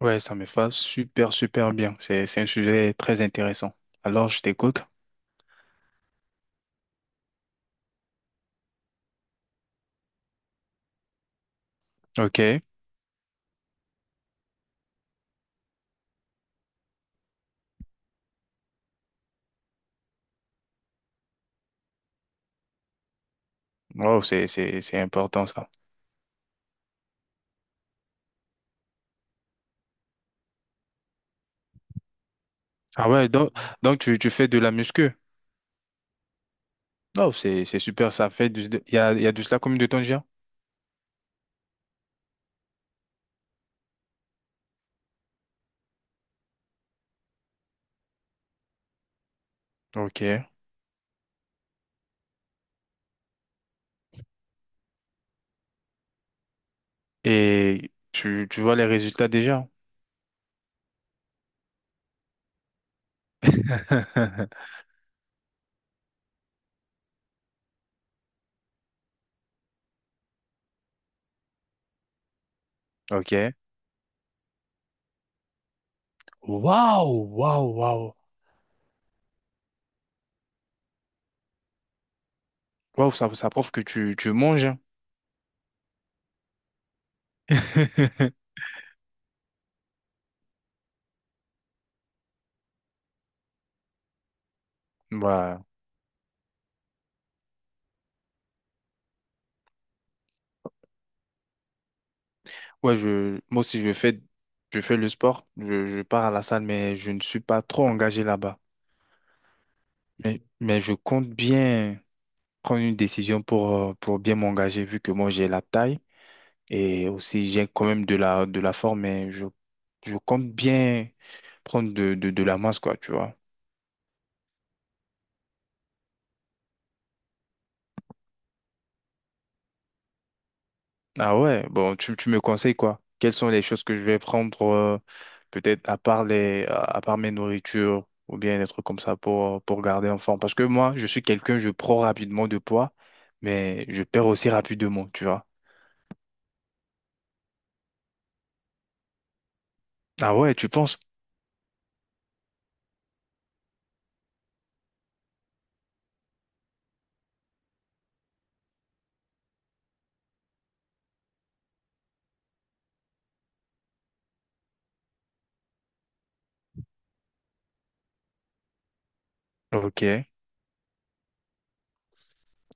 Ouais, ça me va super, super bien. C'est un sujet très intéressant. Alors, je t'écoute. OK. Wow, c'est important, ça. Ah ouais, donc tu fais de la muscu. Oh, c'est super, ça fait du, il y a de cela comme de temps déjà. OK. Et tu vois les résultats déjà. OK. Waouh, waouh, waouh. Waouh, ça prouve que tu manges. hein. Ouais. Ouais, moi aussi, je fais le sport. Je pars à la salle, mais je ne suis pas trop engagé là-bas. Mais je compte bien prendre une décision pour bien m'engager, vu que moi, j'ai la taille et aussi j'ai quand même de la forme, mais je compte bien prendre de la masse, quoi, tu vois. Ah ouais, bon, tu me conseilles quoi? Quelles sont les choses que je vais prendre, peut-être à part les, à part mes nourritures ou bien des trucs comme ça pour garder en forme? Parce que moi, je suis quelqu'un, je prends rapidement de poids, mais je perds aussi rapidement, tu vois. Ah ouais, tu penses? Ok.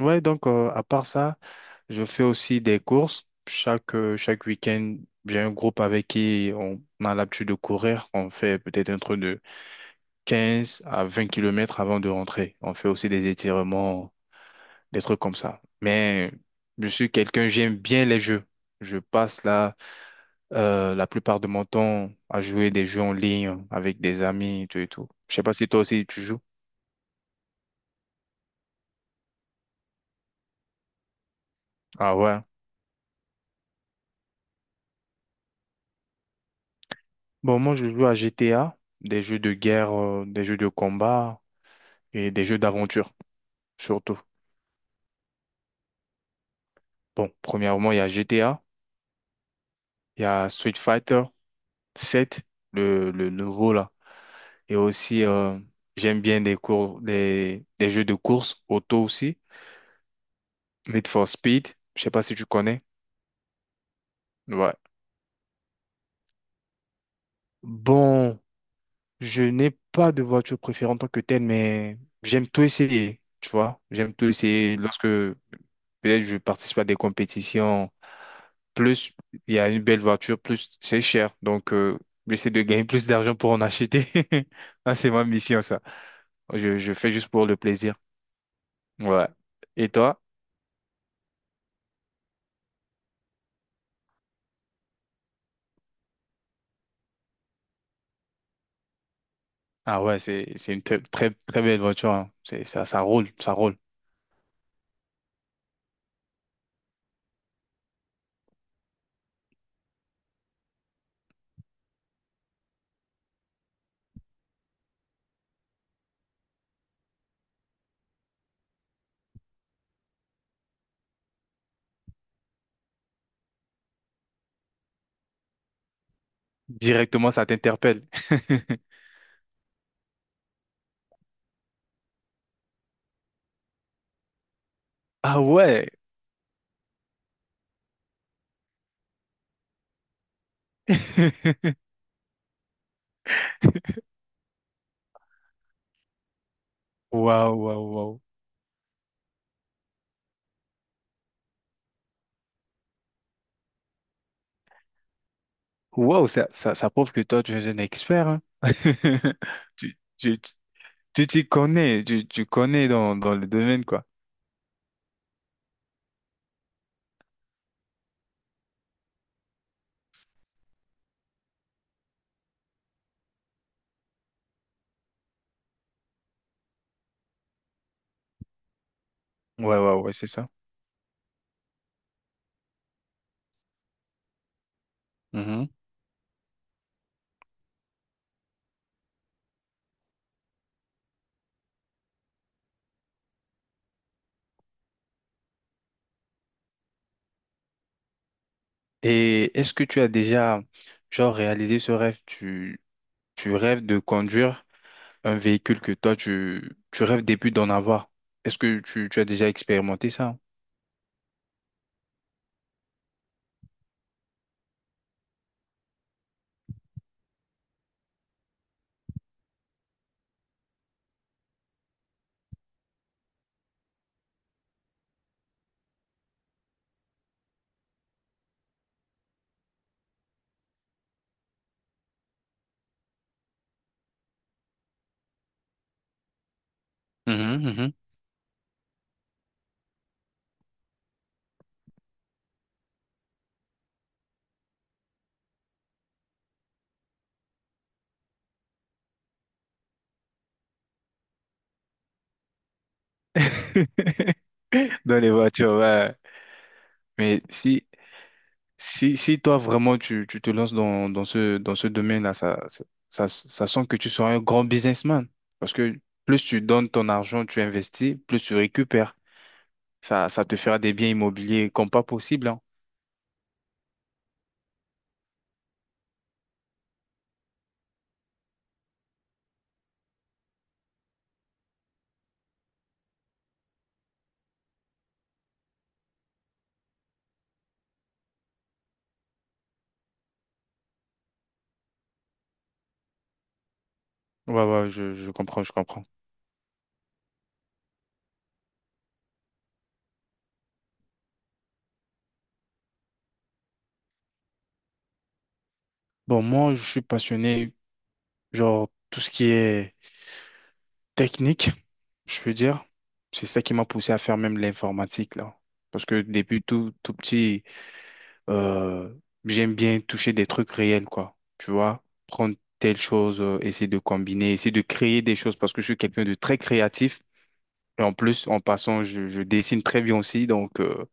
Ouais, donc à part ça, je fais aussi des courses. Chaque week-end, j'ai un groupe avec qui on a l'habitude de courir. On fait peut-être un truc de 15 à 20 kilomètres avant de rentrer. On fait aussi des étirements des trucs comme ça. Mais je suis quelqu'un, j'aime bien les jeux. Je passe là la plupart de mon temps à jouer des jeux en ligne avec des amis et tout et tout. Je sais pas si toi aussi tu joues. Ah ouais. Bon, moi je joue à GTA, des jeux de guerre, des jeux de combat et des jeux d'aventure surtout. Bon, premièrement, il y a GTA, il y a Street Fighter 7, le nouveau là. Et aussi, j'aime bien des jeux de course auto aussi. Need for Speed, je sais pas si tu connais. Ouais. Bon, je n'ai pas de voiture préférée en tant que telle, mais j'aime tout essayer, tu vois. J'aime tout essayer lorsque peut-être je participe à des compétitions. Plus il y a une belle voiture, plus c'est cher. Donc, j'essaie de gagner plus d'argent pour en acheter. Ah, c'est ma mission, ça. Je fais juste pour le plaisir. Ouais. Et toi? Ah ouais, c'est une très, très, très belle voiture, hein. C'est, ça roule, ça roule. Directement, ça t'interpelle. Ah ouais. Waouh, waouh, waouh. Waouh, ça prouve que toi, tu es un expert, hein. Tu, tu, tu tu t'y connais, tu connais dans le domaine, quoi. Ouais, ouais, ouais, c'est ça. Mhm. Et est-ce que tu as déjà, genre, réalisé ce rêve? Tu rêves de conduire un véhicule que toi, tu rêves début d'en avoir. Est-ce que tu as déjà expérimenté ça? Mhm, mhm. Dans les voitures, ouais. Mais si. Si toi vraiment tu te lances dans ce domaine-là, ça sent que tu seras un grand businessman. Parce que plus tu donnes ton argent, tu investis, plus tu récupères. Ça te fera des biens immobiliers comme pas possible, hein. Ouais, ouais, je comprends. Bon, moi, je suis passionné, genre, tout ce qui est technique, je veux dire. C'est ça qui m'a poussé à faire même l'informatique, là. Parce que depuis tout, tout petit. Euh, J'aime bien toucher des trucs réels, quoi. Tu vois, prendre telle chose, essayer de combiner, essayer de créer des choses parce que je suis quelqu'un de très créatif. Et en plus, en passant, je dessine très bien aussi. Donc,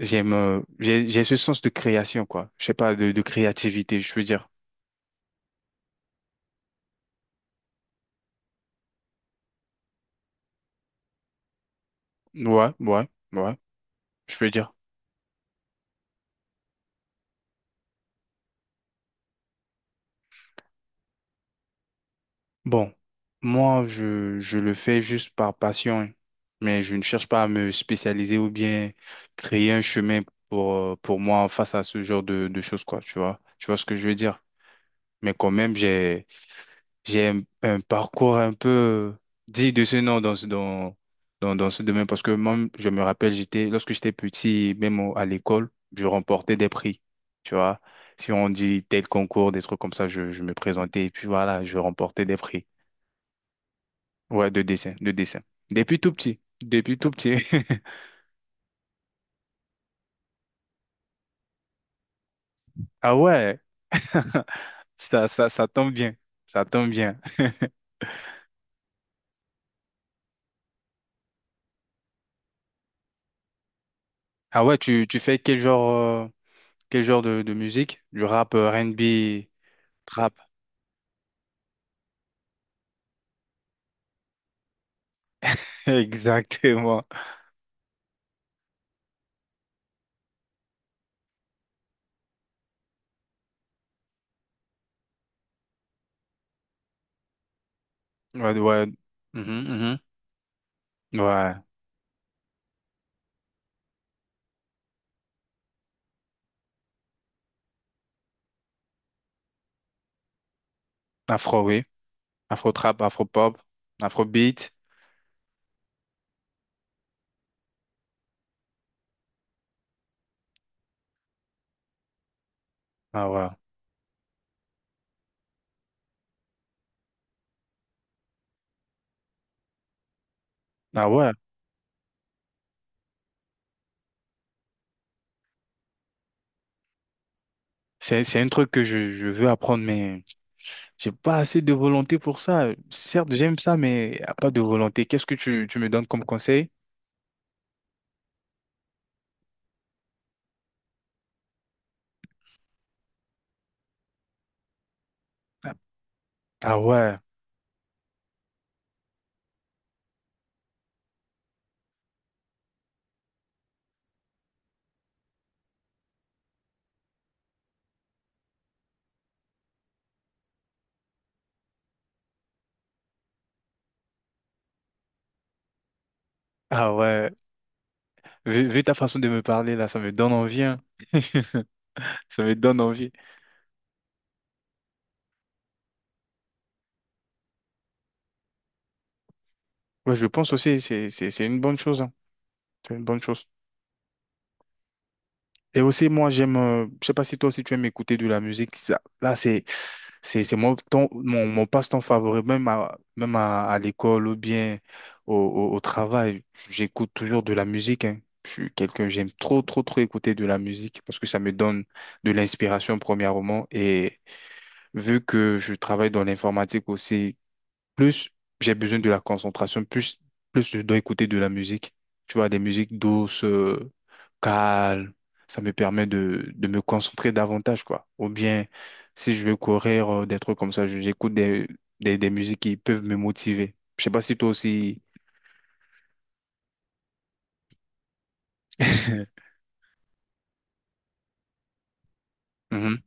j'ai ce sens de création, quoi. Je sais pas, de créativité, je peux dire. Ouais, ouais, ouais, je peux dire. Bon, moi, je le fais juste par passion, hein. Mais je ne cherche pas à me spécialiser ou bien créer un chemin pour moi face à ce genre de choses, quoi, tu vois. Tu vois ce que je veux dire? Mais quand même, j'ai un parcours un peu dit de ce nom dans ce domaine parce que moi, je me rappelle, j'étais, lorsque j'étais petit, même à l'école, je remportais des prix, tu vois. Si on dit tel concours, des trucs comme ça, je me présentais et puis voilà, je remportais des prix. Ouais, de dessin, de dessin. Depuis tout petit, depuis tout petit. Ah ouais, ça tombe bien, ça tombe bien. Ah ouais, tu fais quel genre, euh, quel genre de musique? Du rap, R&B, trap. Exactement. Ouais, ouais. Mhm, mhm. Ouais. Afro, oui. Afro trap, afro pop, afro beat. Ah ouais. Ah ouais. C'est un truc que je veux apprendre, mais j'ai pas assez de volonté pour ça. Certes, j'aime ça, mais y a pas de volonté. Qu'est-ce que tu me donnes comme conseil? Ah ouais, ah ouais. Vu ta façon de me parler là, ça me donne envie, hein. Ça me donne envie. Ouais, je pense aussi, c'est une bonne chose, hein. C'est une bonne chose. Et aussi, moi, je sais pas si toi aussi tu aimes écouter de la musique. Là, c'est mon temps, mon passe-temps favori, même à, même à l'école ou bien au travail. J'écoute toujours de la musique, hein. Je suis quelqu'un, j'aime trop, trop, trop écouter de la musique parce que ça me donne de l'inspiration, premièrement, et vu que je travaille dans l'informatique aussi, plus j'ai besoin de la concentration, plus je dois écouter de la musique. Tu vois, des musiques douces, calmes, ça me permet de me concentrer davantage, quoi. Ou bien, si je veux courir, des trucs comme ça, j'écoute des musiques qui peuvent me motiver. Je sais pas si toi aussi... Mhm.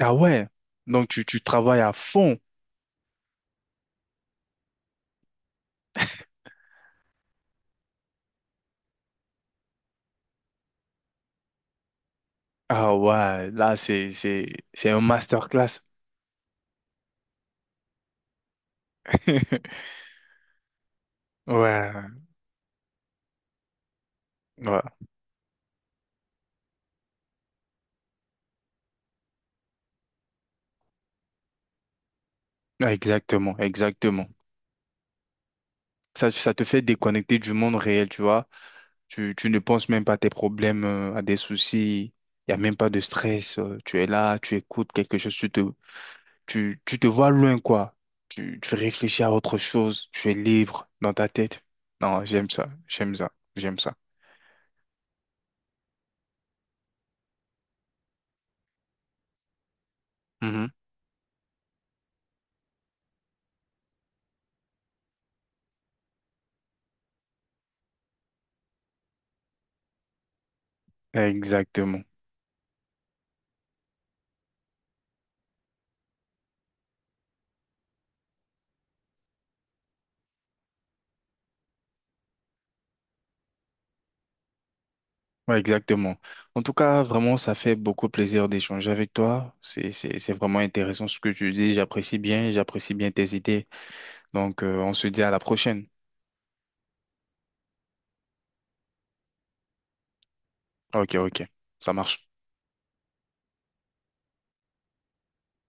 Ah ouais, donc tu travailles à fond. Ah ouais, là, c'est un masterclass. Ouais, ouais. Ah, exactement, exactement. Ça te fait déconnecter du monde réel, tu vois. Tu ne penses même pas à tes problèmes, à des soucis. Il n'y a même pas de stress. Tu es là, tu écoutes quelque chose, tu te vois loin, quoi. Tu réfléchis à autre chose, tu es libre dans ta tête. Non, j'aime ça, j'aime ça, j'aime ça. Mhm. Exactement. Ouais, exactement. En tout cas, vraiment, ça fait beaucoup plaisir d'échanger avec toi. C'est vraiment intéressant ce que tu dis. J'apprécie bien tes idées. Donc, on se dit à la prochaine. Ok, ok, ça marche.